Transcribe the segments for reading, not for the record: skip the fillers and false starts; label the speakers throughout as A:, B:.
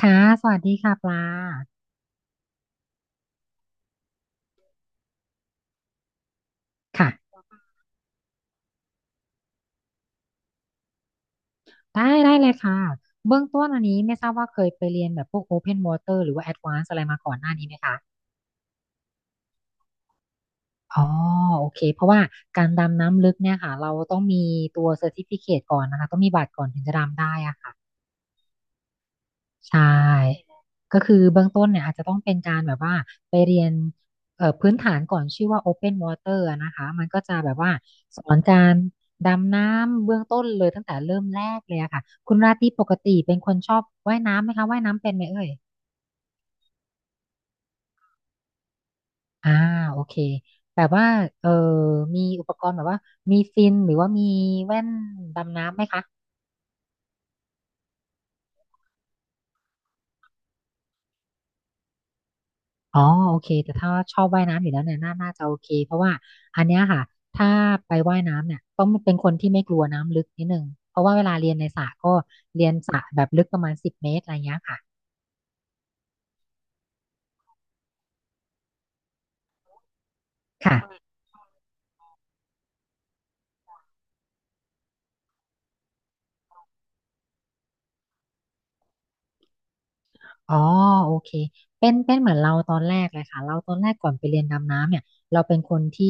A: ค่ะ สวัสดีค่ะปลา ค่ะ ได้เลยค่ะ เบื้องต้นอันนี้ไม่ทราบว่าเคยไปเรียนแบบพวก Open Water หรือว่า Advanced อะไรมาก่อนหน้านี้ไหมคะ อ๋อ โอเค เพราะว่าการดำน้ำลึกเนี่ยค่ะ เราต้องมีตัว Certificate ก่อนนะคะ ต้องมีบัตรก่อนถึงจะดำได้อะค่ะ ใช่ ก็คือเบื้องต้นเนี่ยอาจจะต้องเป็นการแบบว่าไปเรียนพื้นฐานก่อนชื่อว่า Open Water อะนะคะ มันก็จะแบบว่าสอนการดำน้ำเบื้องต้นเลยตั้งแต่เริ่มแรกเลยอะค่ะ คุณราตรีปกติเป็นคนชอบว่ายน้ำไหมคะว่ายน้ำเป็นไหมเอ่ยอ่าโอเคแบบว่าเออมีอุปกรณ์แบบว่ามีฟินหรือว่ามีแว่นดำน้ำไหมคะ อ๋อโอเคแต่ถ้าชอบว่ายน้ำอยู่แล้วเนี่ยน่าจะโอเคเพราะว่าอันเนี้ยค่ะถ้าไปว่ายน้ำเนี่ยต้องเป็นคนที่ไม่กลัวน้ำลึกนิดนึงเพราะว่าเวลาเรียนในสระก็เรียนค่ะ อ๋อโอเคเป็นเหมือนเราตอนแรกเลยค่ะเราตอนแรกก่อนไปเรียนดำน้ำเนี่ยเราเป็นคนที่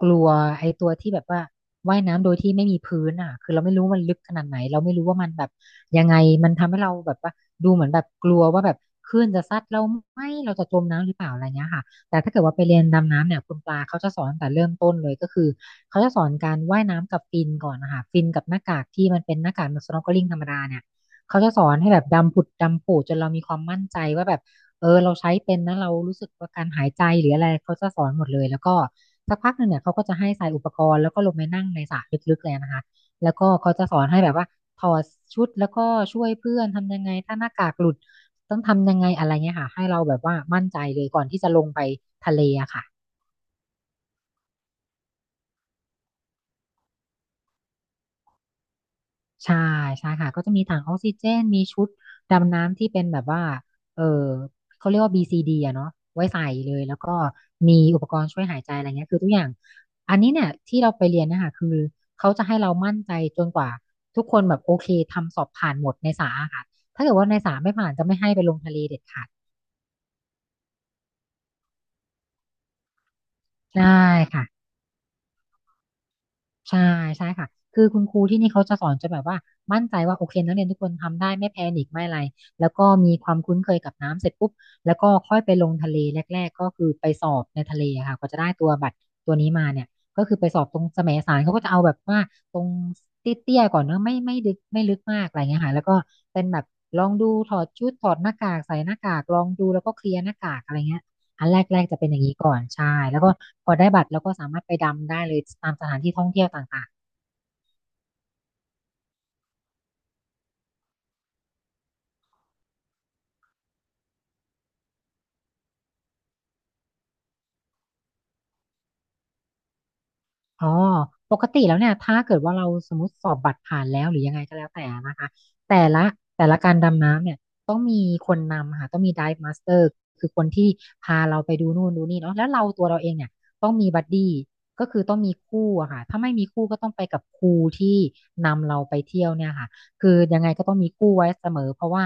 A: กลัวไอ้ตัวที่แบบว่าว่ายน้ำโดยที่ไม่มีพื้นอ่ะคือเราไม่รู้มันลึกขนาดไหนเราไม่รู้ว่ามันแบบยังไงมันทำให้เราแบบว่าดูเหมือนแบบกลัวว่าแบบคลื่นจะซัดเราไหมเราจะจมน้ำหรือเปล่าอะไรเงี้ยค่ะแต่ถ้าเกิดว่าไปเรียนดำน้ำเนี่ยคุณปลาเขาจะสอนตั้งแต่เริ่มต้นเลยก็คือเขาจะสอนการว่ายน้ำกับฟินก่อนนะคะฟินกับหน้ากากที่มันเป็นหน้ากาก snorkeling ธรรมดาเนี่ย เขาจะสอนให้แบบดำผุดดำปูดจนเรามีความมั่นใจว่าแบบเราใช้เป็นนะเรารู้สึกว่าการหายใจหรืออะไรเขาจะสอนหมดเลยแล้วก็สักพักหนึ่งเนี่ยเขาก็จะให้ใส่อุปกรณ์แล้วก็ลงไปนั่งในสระลึกๆเลยนะคะแล้วก็เขาจะสอนให้แบบว่าถอดชุดแล้วก็ช่วยเพื่อนทำยังไงถ้าหน้ากากหลุดต้องทำยังไงอะไรเงี้ยค่ะให้เราแบบว่ามั่นใจเลยก่อนที่จะลงไปทะเลอะค่ะ ใช่ใช่ค่ะก็จะมีถังออกซิเจนมีชุดดำน้ำที่เป็นแบบว่าเออเขาเรียกว่า BCD อะเนาะไว้ใส่เลยแล้วก็มีอุปกรณ์ช่วยหายใจอะไรเงี้ยคือทุกอย่างอันนี้เนี่ยที่เราไปเรียนนะคะคือเขาจะให้เรามั่นใจจนกว่าทุกคนแบบโอเคทำสอบผ่านหมดในสาอะค่ะถ้าเกิดว่าในสาไม่ผ่านจะไม่ให้ไปลงทะเลเด็ดขาดได้ค่ะ ใช่ใช่ค่ะคือคุณครูที่นี่เขาจะสอนจนแบบว่ามั่นใจว่าโอเคนักเรียนทุกคนทำได้ไม่แพนิคไม่อะไรแล้วก็มีความคุ้นเคยกับน้ำเสร็จปุ๊บแล้วก็ค่อยไปลงทะเลแรกๆก็คือไปสอบในทะเลอะค่ะกว่าจะได้ตัวบัตรตัวนี้มาเนี่ยก็คือไปสอบตรงแสมสารเขาก็จะเอาแบบว่าตรงเตี้ยๆก่อนเนอะไม่ลึกไม่ลึกมากอะไรเงี้ยค่ะแล้วก็เป็นแบบลองดูถอดชุดถอดหน้ากากใส่หน้ากากลองดูแล้วก็เคลียร์หน้ากากอะไรเงี้ย อันแรกๆจะเป็นอย่างนี้ก่อนใช่แล้วก็พอได้บัตรแล้วก็สามารถไปดำได้เลยตามสถานที่ท่องเที่ยวต่าง อ๋อปกติแล้วเนี่ยถ้าเกิดว่าเราสมมติสอบบัตรผ่านแล้วหรือยังไงก็แล้วแต่นะคะแต่ละแต่ละการดำน้ำเนี่ยต้องมีคนนำค่ะต้องมี dive master คือคนที่พาเราไปดูนู่นดูนี่เนาะแล้วเราตัวเราเองเนี่ยต้องมีบัดดี้ก็คือต้องมีคู่อะค่ะถ้าไม่มีคู่ก็ต้องไปกับครูที่นำเราไปเที่ยวเนี่ยค่ะคือยังไงก็ต้องมีคู่ไว้เสมอเพราะว่า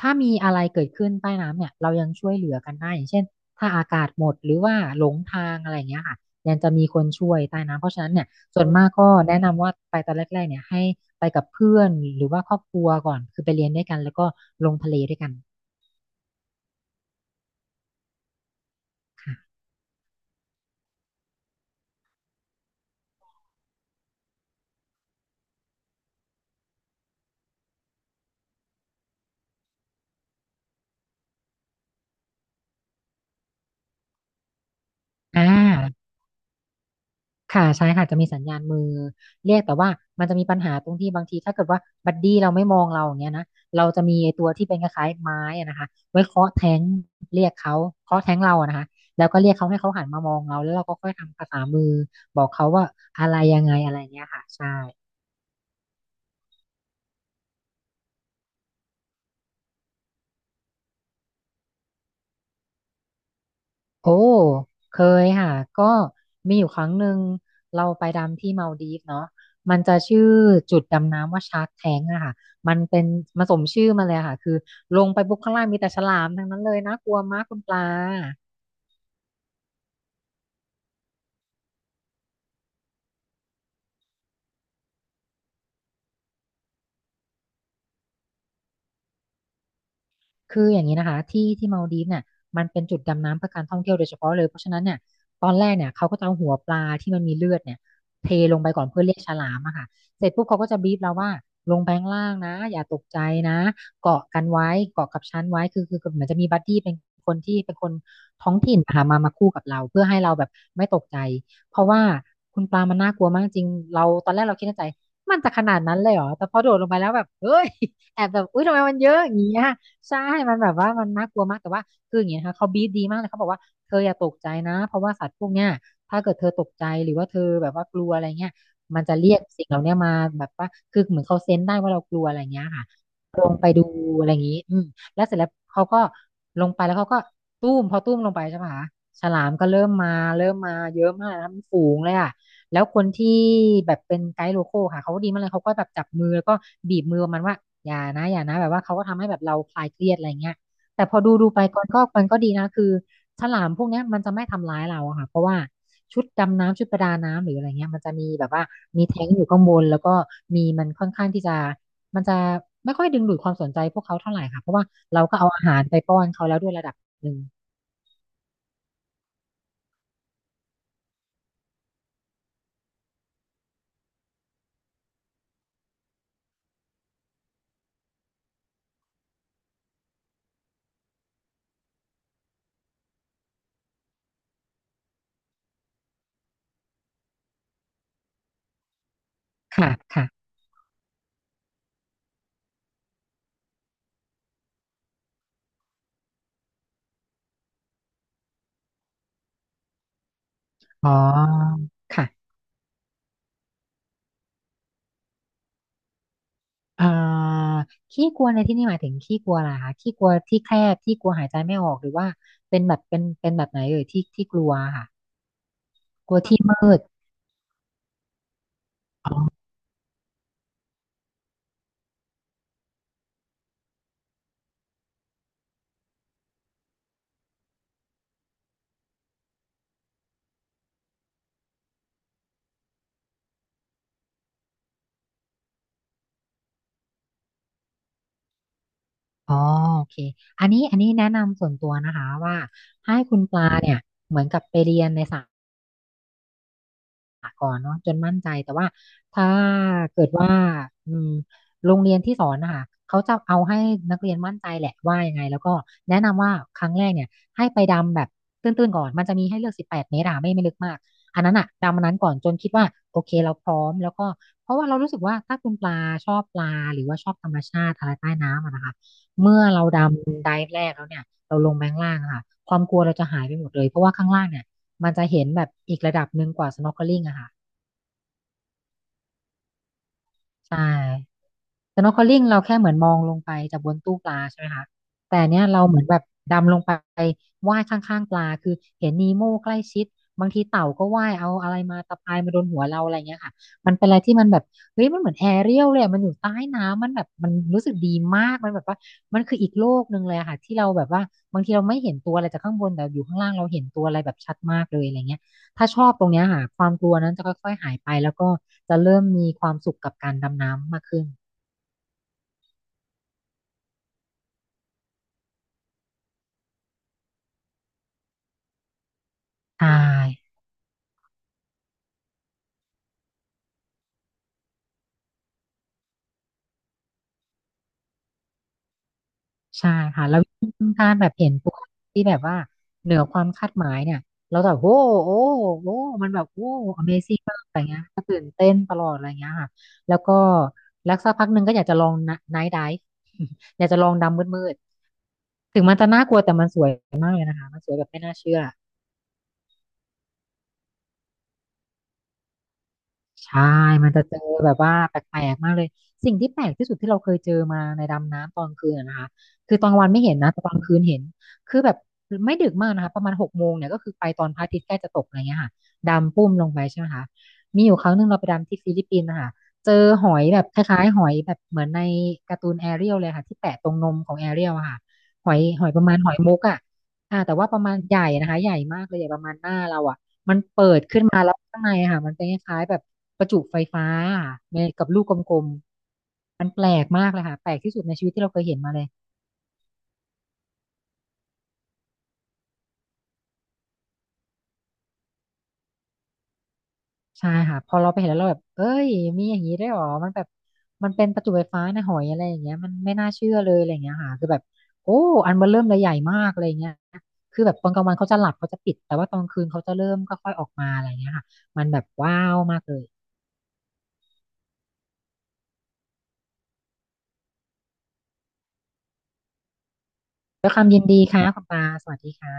A: ถ้ามีอะไรเกิดขึ้นใต้น้ำเนี่ยเรายังช่วยเหลือกันได้อย่างเช่นถ้าอากาศหมดหรือว่าหลงทางอะไรอย่างเงี้ยค่ะ ยังจะมีคนช่วยใต้น้ำเพราะฉะนั้นเนี่ยส่วนมากก็แนะนำว่าไปตอนแรกๆเนี่ยให้ไปกับเพื่อนหรือว่าครอบครัวก่อนคือไปเรียนด้วยกันแล้วก็ลงทะเลด้วยกันค่ะอ่าค่ะใช่ค่ะจะมีสัญญาณมือเรียกแต่ว่ามันจะมีปัญหาตรงที่บางทีถ้าเกิดว่าบัดดี้เราไม่มองเราอย่างเงี้ยนะเราจะมีไอ้ตัวที่เป็นคล้ายๆไม้อะนะคะไว้เคาะแท้งเรียกเขาเคาะแท้งเราอะนะคะแล้วก็เรียกเขาให้เขาหันมามองเราแล้วเราก็ค่อยทำภาษามือบอกเขาว่าอะไรยังไงอะไรเงี้ยค่ะใช่ โอ้เคยค่ะก็มีอยู่ครั้งหนึ่งเราไปดำที่มาลดีฟเนาะมันจะชื่อจุดดำน้ำว่าชาร์กแทงอะค่ะมันเป็นมาสมชื่อมาเลยอะค่ะคือลงไปปุ๊บข้างล่างมีแต่ฉลามทั้งนั้นเลยน่ากลัวมากคุณปลา คืออย่างนี้นะคะที่มาลดีฟเนี่ยมันเป็นจุดดำน้ำเพื่อการท่องเที่ยวโดยเฉพาะเลยเพราะฉะนั้นเนี่ยตอนแรกเนี่ยเขาก็จะเอาหัวปลาที่มันมีเลือดเนี่ยเทลงไปก่อนเพื่อเรียกฉลามอะค่ะเสร็จปุ๊บเขาก็จะบีบเราว่าลงไปข้างล่างนะอย่าตกใจนะเกาะกันไว้เกาะกับชั้นไว้คือเหมือนจะมีบัดดี้เป็นคนที่เป็นคนท้องถิ่นหามามาคู่กับเราเพื่อให้เราแบบไม่ตกใจเพราะว่าคุณปลามันน่ากลัวมากจริงเราตอนแรกเราคิดในใจมันจะขนาดนั้นเลยเหรอแต่พอโดดลงไปแล้วแบบเฮ้ยแอบแบบอุ้ยทำไมมันเยอะอย่างเงี้ย ใช่มันแบบว่ามันน่ากลัวมากแต่ว่าคืออย่างเงี้ยนะคะเขาบีบดีมากเลยเขาบอกว่าเธออย่าตกใจนะเพราะว่าสัตว์พวกเนี้ยถ้าเกิดเธอตกใจหรือว่าเธอแบบว่ากลัวอะไรเงี้ยมันจะเรียกสิ่งเหล่าเนี้ยมาแบบว่าคือเหมือนเขาเซนส์ได้ว่าเรากลัวอะไรเงี้ยค่ะลงไปดูอะไรอย่างงี้อืมแล้วเสร็จแล้วเขาก็ลงไปแล้วเขาก็ตุ้มพอตุ้มลงไปใช่ปะคะฉลามก็เริ่มมาเริ่มมาเยอะมากนะคะปนฝูงเลยอ่ะ แล้วคนที่แบบเป็นไกด์โลคอลค่ะเขาก็ดีมากเลยเขาก็แบบจับมือแล้วก็บีบมือประมาณว่าอย่านะอย่านะแบบว่าเขาก็ทำให้แบบเราคลายเครียดอะไรเงี้ยแต่พอดูดูไปก่อนก็มันก็ดีนะคือฉลามพวกเนี้ยมันจะไม่ทำร้ายเราอะค่ะเพราะว่าชุดดำน้ำชุดประดาน้ำหรืออะไรเงี้ยมันจะมีแบบว่ามีแท้งอยู่ข้างบนแล้วก็มีมันค่อนข้างที่จะมันจะไม่ค่อยดึงดูดความสนใจพวกเขาเท่าไหร่ค่ะเพราะว่าเราก็เอาอาหารไปป้อนเขาแล้วด้วยระดับหนึ่งค่ะค่ะอ๋อค่ะ อ่าขี้กลัวในที่นี่หมายถึงขี้กลัวอะไรคะขี้กลัวที่แคบที่กลัวหายใจไม่ออกหรือว่าเป็นแบบไหนเอ่ยที่ที่กลัวค่ะอ๋อโอเคอันนี้อันนี้แนะนำส่วนตัวนะคะว่าให้คุณปลาเนี่ยเหมือนกับไปเรียนในสา ก่อนเนาะจนมั่นใจแต่ว่าถ้าเกิดว่าอืมโรงเรียนที่สอนนะคะเขาจะเอาให้นักเรียนมั่นใจแหละว่ายังไงแล้วก็แนะนำว่าครั้งแรกเนี่ยให้ไปดำแบบตื้นๆก่อนมันจะมีให้เลือก18 เมตรอะไม่ลึกมากอันนั้นอะดำอันนั้นก่อนจนคิดว่าโอเคเราพร้อมแล้วก็เพราะว่าเรารู้สึกว่าถ้าคุณปลาชอบปลาหรือว่าชอบธรรมชาติอะไรใต้น้ำอะนะคะเมื่อเราดำไดฟ์แรกแล้วเนี่ยเราลงไปข้างล่างอะค่ะความกลัวเราจะหายไปหมดเลยเพราะว่าข้างล่างเนี่ย มันจะเห็นแบบอีกระดับหนึ่งกว่า snorkeling อะค่ะใช่ snorkeling เราแค่เหมือนมองลงไปจากบนตู้ปลาใช่ไหมคะแต่เนี้ยเราเหมือนแบบดำลงไปว่ายข้างๆปลาคือเห็นนีโม่ใกล้ชิดบางทีเต่าก็ว่ายเอาอะไรมาตะปายมาโดนหัวเราอะไรเงี้ยค่ะมันเป็นอะไรที่มันแบบเฮ้ยมันเหมือนแอเรียลเลยอะมันอยู่ใต้น้ำมันแบบมันรู้สึกดีมากมันแบบว่ามันคืออีกโลกหนึ่งเลยอะค่ะที่เราแบบว่าบางทีเราไม่เห็นตัวอะไรจากข้างบนแต่อยู่ข้างล่างเราเห็นตัวอะไรแบบชัดมากเลยอะไรเงี้ย ถ้าชอบตรงเนี้ยค่ะความกลัวนั้นจะค่อยๆหายไปแล้วก็จะเริ่มมีความสุขกับการดำน้ำมากขึ้น ใช่ใช่ค่ะแล้วการแบบเห็นตูเาที่แบบว่าเหนือความคาดหมายเนี่ยเราจะแบบโอ้โอ้โอ้มันแบบโอ้ Amazing มากอะไรเงี้ยก็ตื่นเต้นตลอดอะไรเงี้ยค่ะแล้วก็แล้วสักพักหนึ่งก็อยากจะลองไนท์ไดฟ์ อยากจะลองดำมืดๆถึงมันจะน่ากลัวแต่มันสวยมากเลยนะคะมันสวยแบบไม่น่าเชื่อ ใช่มันจะเจอแบบว่าแปลกๆมากเลย สิ่งที่แปลกที่สุดที่เราเคยเจอมาในดำน้ำตอนคืนอะนะคะคือตอนกลางวันไม่เห็นนะแต่ตอนคืนเห็นคือแบบไม่ดึกมากนะคะ ประมาณ6 โมงเนี่ยก็คือไปตอนพระอาทิตย์ใกล้จะตกอะไรเงี้ยค่ะดำปุ้มลงไปใช่ไหมคะ มีอยู่ครั้งหนึ่งเราไปดำที่ฟิลิปปินส์นะคะเจอหอยแบบคล้ายๆหอยแบบเหมือนในการ์ตูนแอเรียลเลยค่ะที่แปะตรงนมของแอเรียลอะค่ะหอยหอยประมาณหอยมุกอะแต่ว่าประมาณใหญ่นะคะใหญ่มากเลยใหญ่ประมาณหน้าเราอะ มันเปิดขึ้นมาแล้วข้างในอะค่ะมันเป็นคล้ายๆแบบประจุไฟฟ้าอะในกับลูกกลมๆมันแปลกมากเลยค่ะแปลกที่สุดในชีวิตที่เราเคยเห็นมาเลยใช่ค่ะพอเราไปเห็นแล้วเราแบบเอ้ยมีอย่างนี้ได้วยเหรอมันแบบมันเป็นประจุไฟฟ้าในหอยอะไรอย่างเงี้ยมันไม่น่าเชื่อเลยอะไรอย่างเงี้ยค่ะคือแบบโอ้อันมันเริ่มเลยใหญ่มากอะไรอย่างเงี้ยคือแบบตอนกลางวันเขาจะหลับเขาจะปิดแต่ว่าตอนคืนเขาจะเริ่มค่อยๆออกมาอะไรอย่างเงี้ยค่ะมันแบบว้าวมากเลยด้วยความยินดีค่ะคุณปาสวัสดีค่ะ